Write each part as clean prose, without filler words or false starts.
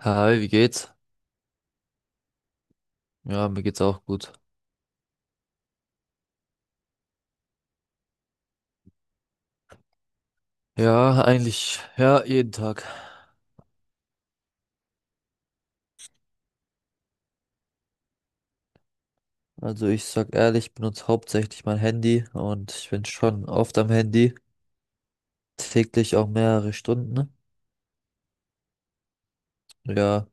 Hi, wie geht's? Ja, mir geht's auch gut. Ja, eigentlich, ja, jeden Tag. Also ich sag ehrlich, ich benutze hauptsächlich mein Handy und ich bin schon oft am Handy, täglich auch mehrere Stunden. Ja,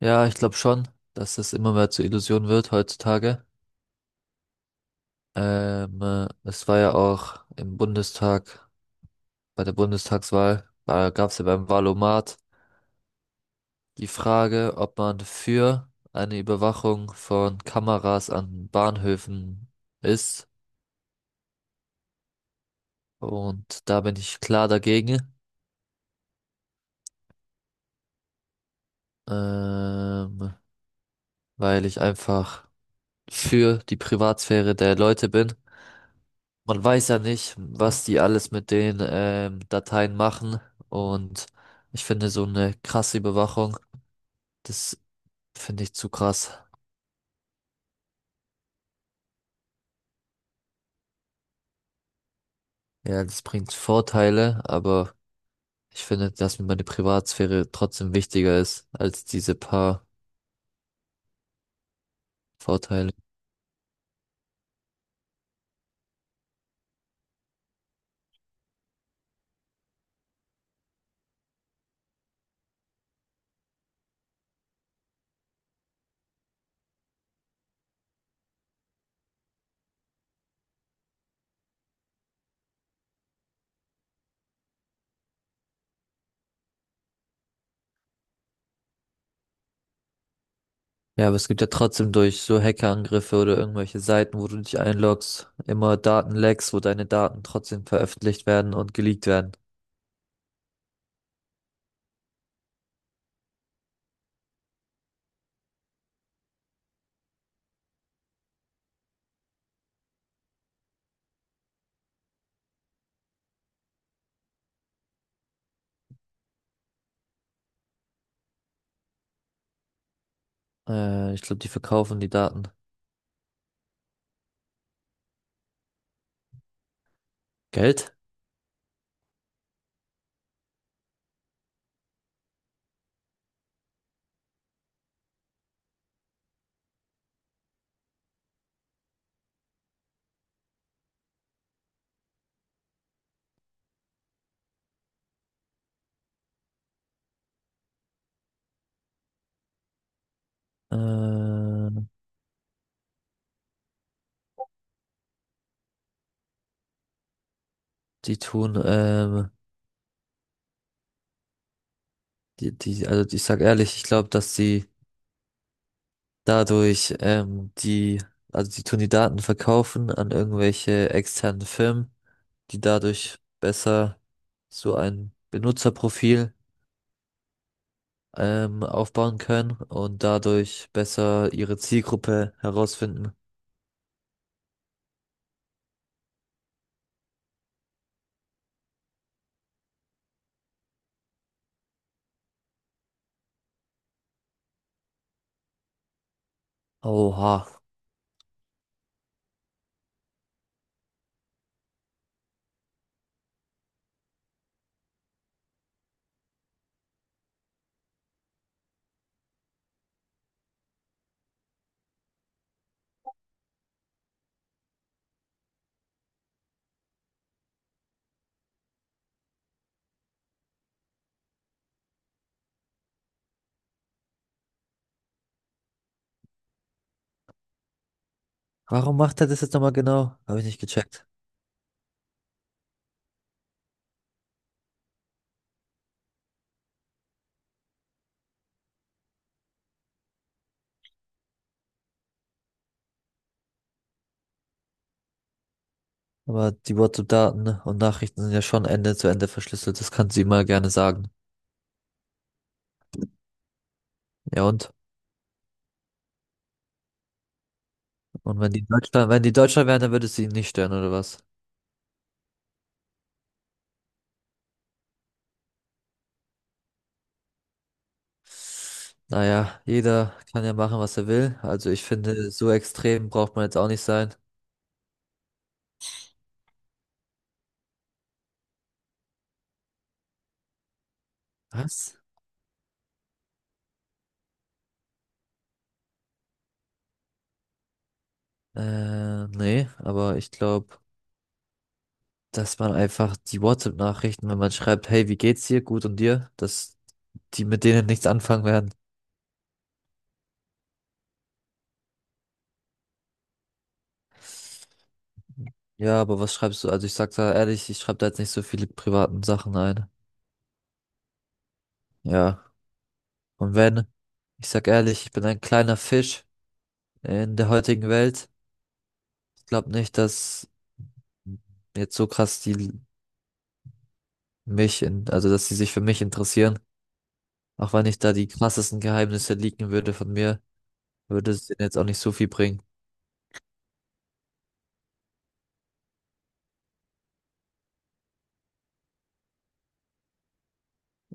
ja, ich glaube schon, dass es immer mehr zur Illusion wird heutzutage. Es war ja auch im Bundestag, bei der Bundestagswahl, da gab's ja beim Wahlomat die Frage, ob man für eine Überwachung von Kameras an Bahnhöfen ist. Und da bin ich klar dagegen, ähm, weil ich einfach für die Privatsphäre der Leute bin. Man weiß ja nicht, was die alles mit den Dateien machen. Und ich finde so eine krasse Überwachung, das finde ich zu krass. Ja, das bringt Vorteile, aber ich finde, dass mir meine Privatsphäre trotzdem wichtiger ist als diese paar Vorteile. Ja, aber es gibt ja trotzdem durch so Hackerangriffe oder irgendwelche Seiten, wo du dich einloggst, immer Datenlecks, wo deine Daten trotzdem veröffentlicht werden und geleakt werden. Ich glaube, die verkaufen die Daten. Geld? Ähm, die tun, die, die, also ich sag ehrlich, ich glaube, dass sie dadurch, ähm, die, also die tun die Daten verkaufen an irgendwelche externen Firmen, die dadurch besser so ein Benutzerprofil aufbauen können und dadurch besser ihre Zielgruppe herausfinden. Oha. Warum macht er das jetzt nochmal genau? Habe ich nicht gecheckt. Aber die WhatsApp-Daten und Nachrichten sind ja schon Ende zu Ende verschlüsselt. Das kann sie immer gerne sagen. Ja und? Und wenn die Deutschland wären, dann würde sie ihn nicht stören, oder was? Naja, jeder kann ja machen, was er will. Also ich finde, so extrem braucht man jetzt auch nicht sein. Was? Nee, aber ich glaube, dass man einfach die WhatsApp-Nachrichten, wenn man schreibt, hey, wie geht's dir? Gut und dir? Dass die mit denen nichts anfangen werden. Ja, aber was schreibst du? Also ich sag da ehrlich, ich schreibe da jetzt nicht so viele privaten Sachen ein. Ja. Und wenn, ich sag ehrlich, ich bin ein kleiner Fisch in der heutigen Welt. Ich glaube nicht, dass jetzt so krass die mich in, also dass sie sich für mich interessieren. Auch wenn ich da die krassesten Geheimnisse leaken würde von mir, würde es denen jetzt auch nicht so viel bringen.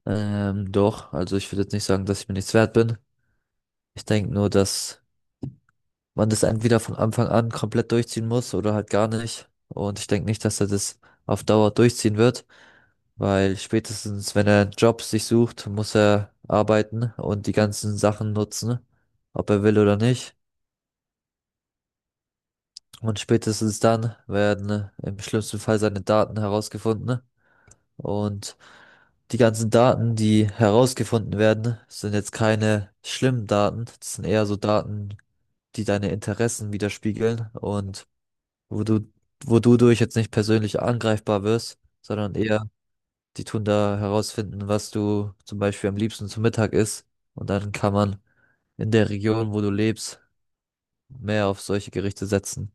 Doch, also ich würde jetzt nicht sagen, dass ich mir nichts wert bin. Ich denke nur, dass man das entweder von Anfang an komplett durchziehen muss oder halt gar nicht. Und ich denke nicht, dass er das auf Dauer durchziehen wird, weil spätestens, wenn er einen Job sich sucht, muss er arbeiten und die ganzen Sachen nutzen, ob er will oder nicht. Und spätestens dann werden im schlimmsten Fall seine Daten herausgefunden. Und die ganzen Daten, die herausgefunden werden, sind jetzt keine schlimmen Daten. Das sind eher so Daten, die deine Interessen widerspiegeln und wo du, wo du durch jetzt nicht persönlich angreifbar wirst, sondern eher, die tun da herausfinden, was du zum Beispiel am liebsten zum Mittag isst. Und dann kann man in der Region, wo du lebst, mehr auf solche Gerichte setzen.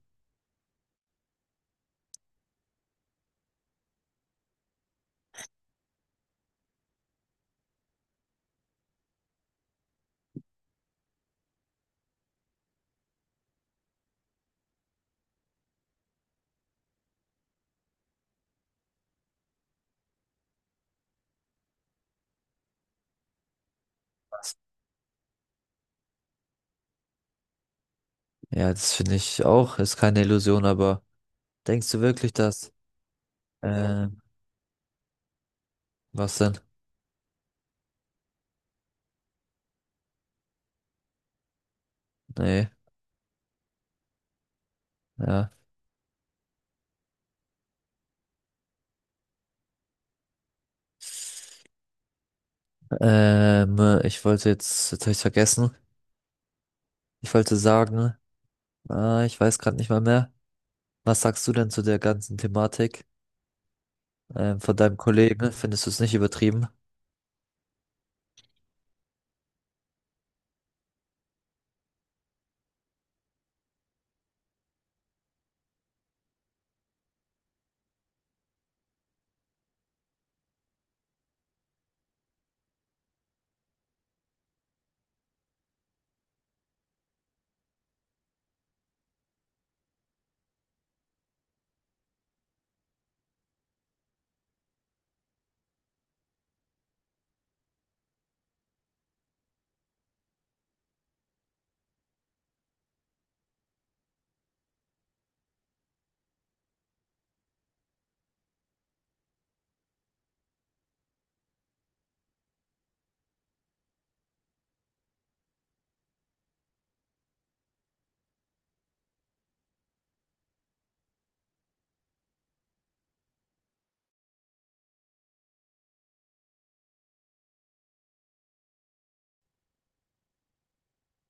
Ja, das finde ich auch, ist keine Illusion, aber denkst du wirklich, das? Äh, was denn? Nee, ja. Ich wollte jetzt, habe ich vergessen. Ich wollte sagen, ah, ich weiß gerade nicht mal mehr. Was sagst du denn zu der ganzen Thematik von deinem Kollegen? Findest du es nicht übertrieben?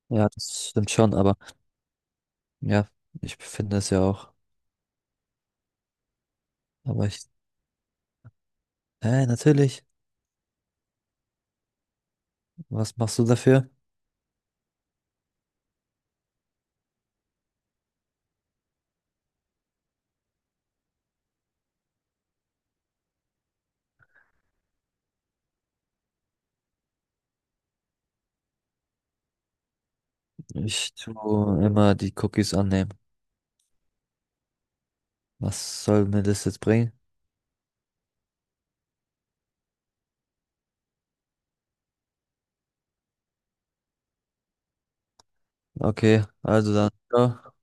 Ja, das stimmt schon, aber ja, ich finde es ja auch. Aber ich, Natürlich. Was machst du dafür? Ich tue immer die Cookies annehmen. Was soll mir das jetzt bringen? Okay, also dann. Ciao.